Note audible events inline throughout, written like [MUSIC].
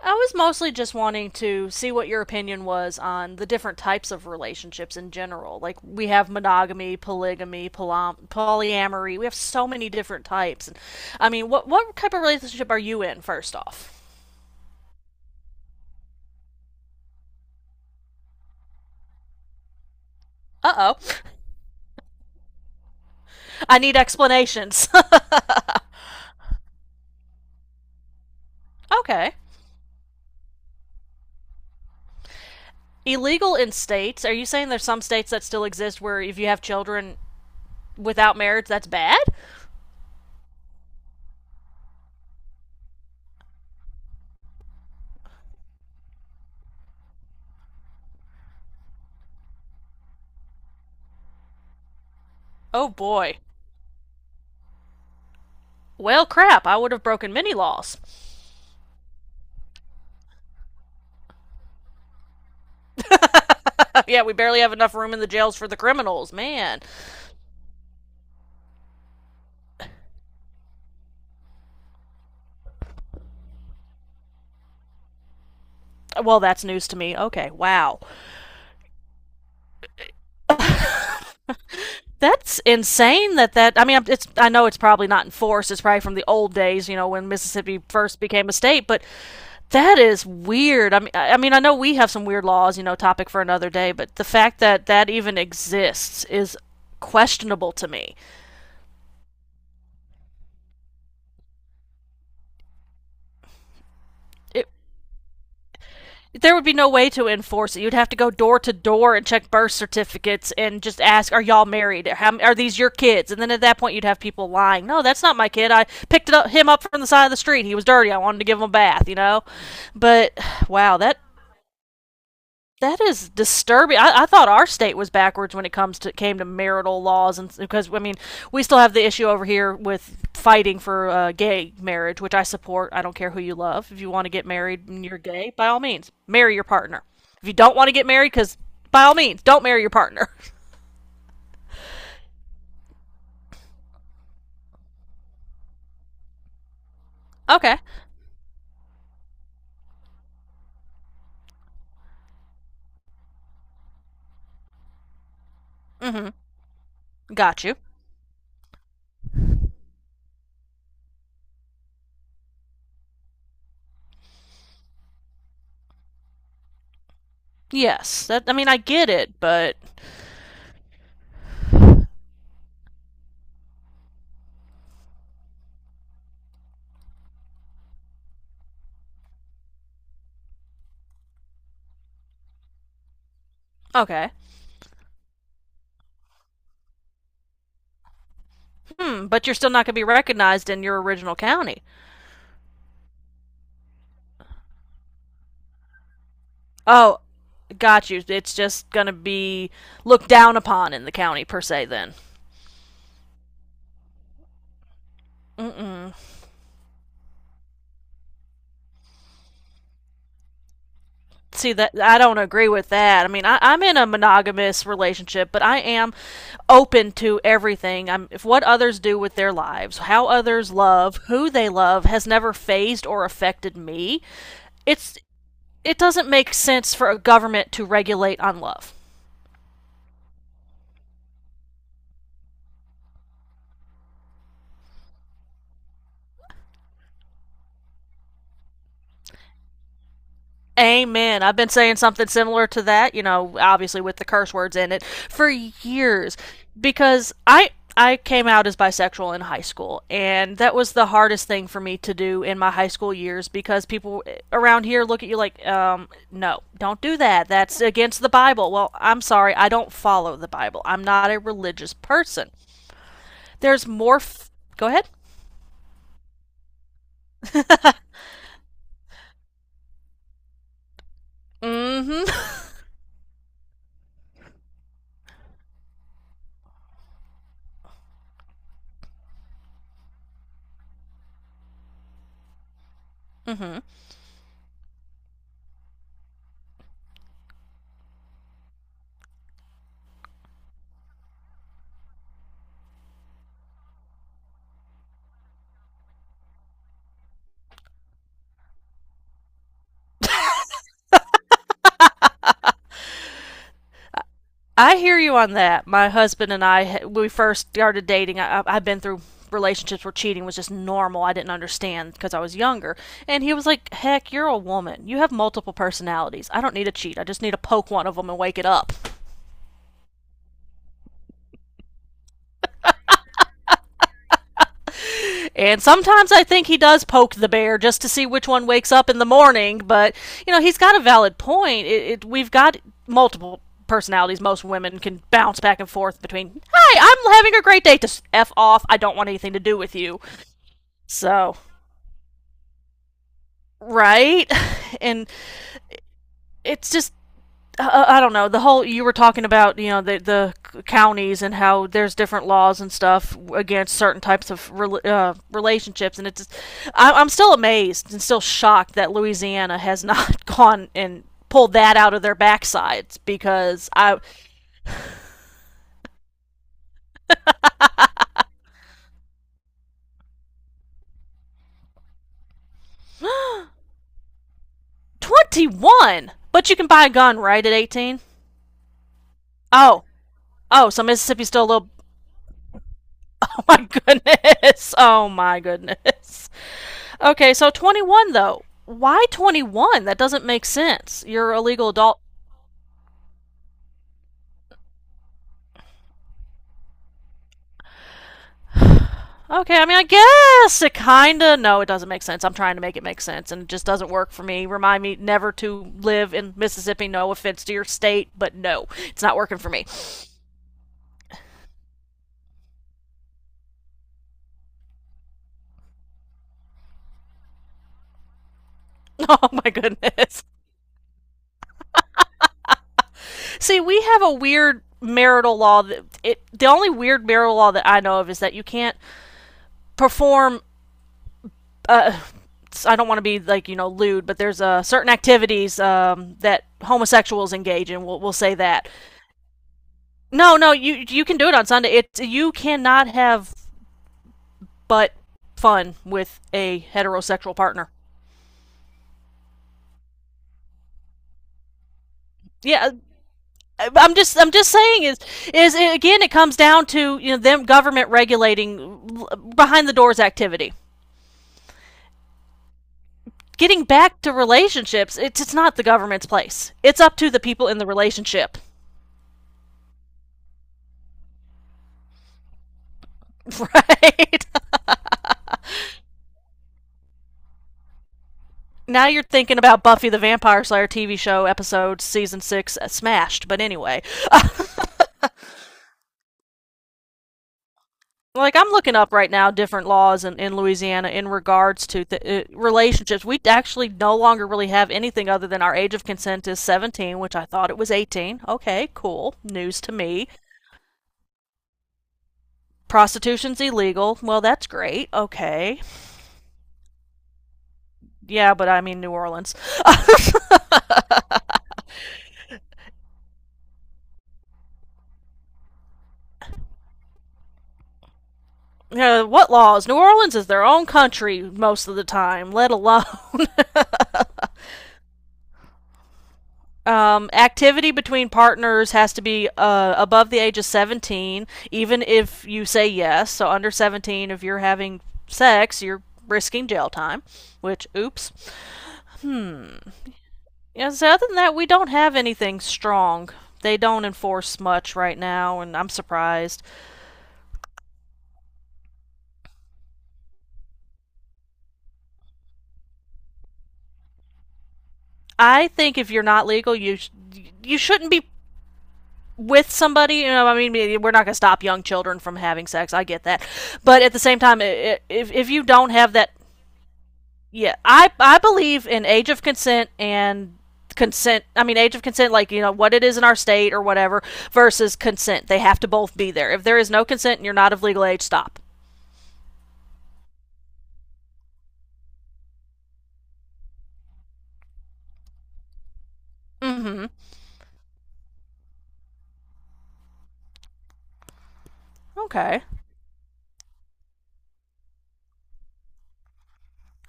I was mostly just wanting to see what your opinion was on the different types of relationships in general. Like we have monogamy, polygamy, polyamory. We have so many different types. And I mean, what type of relationship are you in first off? Uh-oh. I need explanations. [LAUGHS] Okay. Illegal in states. Are you saying there's some states that still exist where if you have children without marriage that's bad? Oh boy. Well, crap, I would have broken many laws. [LAUGHS] Yeah, we barely have enough room in the jails for the criminals, man. Well, that's news to me. Okay, wow, that's insane. That I mean, it's I know it's probably not in force. It's probably from the old days, you know, when Mississippi first became a state. But that is weird. I mean, I mean, I know we have some weird laws, you know, topic for another day. But the fact that that even exists is questionable to me. It, there would be no way to enforce it. You'd have to go door to door and check birth certificates and just ask, "Are y'all married? These your kids?" And then at that point, you'd have people lying, "No, that's not my kid. I picked him up from the side of the street. He was dirty. I wanted to give him a bath." But wow, that is disturbing. I thought our state was backwards when it comes to came to marital laws, and because I mean, we still have the issue over here with fighting for gay marriage, which I support. I don't care who you love. If you want to get married and you're gay, by all means, marry your partner. If you don't want to get married, because by all means, don't marry your partner. [LAUGHS] Okay. Mm-hmm. Got you. Yes. That. I mean, I get it, but okay. Hmm. But you're still not going to be recognized in your original county. Oh, got you. It's just gonna be looked down upon in the county per se. Then, mm-mm. See that I don't agree with that. I mean, I'm in a monogamous relationship, but I am open to everything. I'm If what others do with their lives, how others love, who they love, has never phased or affected me. It's it doesn't make sense for a government to regulate on love. Amen. I've been saying something similar to that, obviously with the curse words in it for years because I came out as bisexual in high school and that was the hardest thing for me to do in my high school years because people around here look at you like no, don't do that. That's against the Bible. Well, I'm sorry, I don't follow the Bible. I'm not a religious person. There's more f- Go ahead. [LAUGHS] Mhm. Mhm. I hear you on that. My husband and I, when we first started dating, have been through relationships where cheating was just normal. I didn't understand because I was younger. And he was like, heck, you're a woman. You have multiple personalities. I don't need to cheat. I just need to poke one of them and wake it up. And sometimes I think he does poke the bear just to see which one wakes up in the morning. But, he's got a valid point. We've got multiple personalities most women can bounce back and forth between hi, I'm having a great day to f off, I don't want anything to do with you. So right? [LAUGHS] And it's just I don't know the whole you were talking about the counties and how there's different laws and stuff against certain types of relationships and it's just, I'm still amazed and still shocked that Louisiana has [LAUGHS] not gone and pulled that out of their backsides because I 21 but you can buy a gun right at 18. Oh. Oh, so Mississippi's still a little. [LAUGHS] Oh my goodness. Oh my goodness. Okay, so 21 though. Why 21? That doesn't make sense. You're a legal adult. Okay, I mean, I guess it kinda. No, it doesn't make sense. I'm trying to make it make sense, and it just doesn't work for me. Remind me never to live in Mississippi. No offense to your state, but no, it's not working for me. [LAUGHS] Oh my goodness. See, we have a weird marital law that it. The only weird marital law that I know of is that you can't perform, uh, I don't want to be like lewd, but there's certain activities, that homosexuals engage in. We'll say that. No, no, you can do it on Sunday. It you cannot have but fun with a heterosexual partner. Yeah, I'm just saying is again it comes down to them government regulating behind the doors activity. Getting back to relationships, it's not the government's place. It's up to the people in the relationship. [LAUGHS] Right? Now you're thinking about Buffy the Vampire Slayer TV show episode season six, smashed. But anyway, like I'm looking up right now different laws in Louisiana in regards to relationships. We actually no longer really have anything other than our age of consent is 17, which I thought it was 18. Okay, cool. News to me. Prostitution's illegal. Well, that's great. Okay. Yeah, but I mean New Orleans. [LAUGHS] What laws? New Orleans is their own country most of the time, let alone. Activity between partners has to be above the age of 17, even if you say yes. So, under 17, if you're having sex, you're risking jail time, which, oops. Yeah, so, other than that, we don't have anything strong. They don't enforce much right now, and I'm surprised. I think if you're not legal, you shouldn't be with somebody. I mean, we're not going to stop young children from having sex. I get that, but at the same time, if you don't have that. Yeah, I believe in age of consent and consent. I mean, age of consent, like you know what it is in our state or whatever, versus consent. They have to both be there. If there is no consent and you're not of legal age, stop. Mm-hmm. Okay,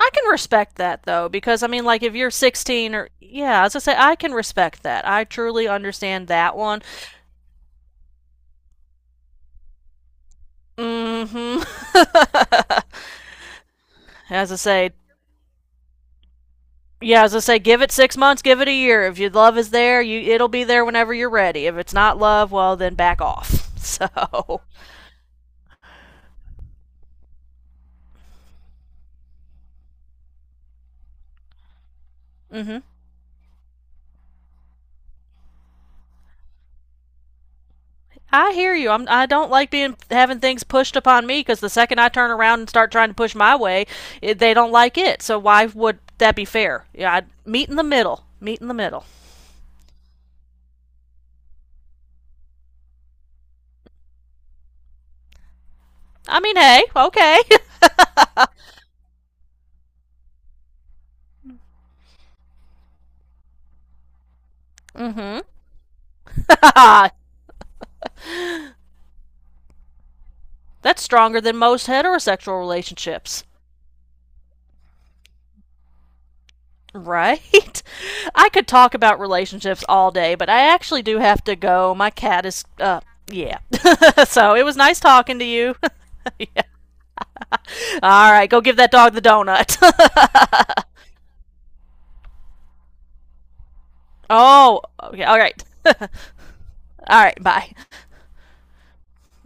I can respect that though, because I mean, like if you're 16 or yeah, as I say, I can respect that. I truly understand that one. Mm-hmm. [LAUGHS] As I say, yeah, as I say, give it 6 months, give it a year. If your love is there, you it'll be there whenever you're ready. If it's not love, well then back off. [LAUGHS] So, hmm I hear you. I don't like being having things pushed upon me because the second I turn around and start trying to push my way, they don't like it. So why would that be fair? Yeah, I'd meet in the middle. Meet in the middle. I mean, hey, okay. [LAUGHS] Hmm. [LAUGHS] That's stronger than most heterosexual relationships. Right? I could talk about relationships all day, but I actually do have to go. My cat is yeah. [LAUGHS] So it was nice talking to you. [LAUGHS] Yeah. All right, go give that dog the donut. [LAUGHS] Oh, okay. All right. [LAUGHS] All right, bye.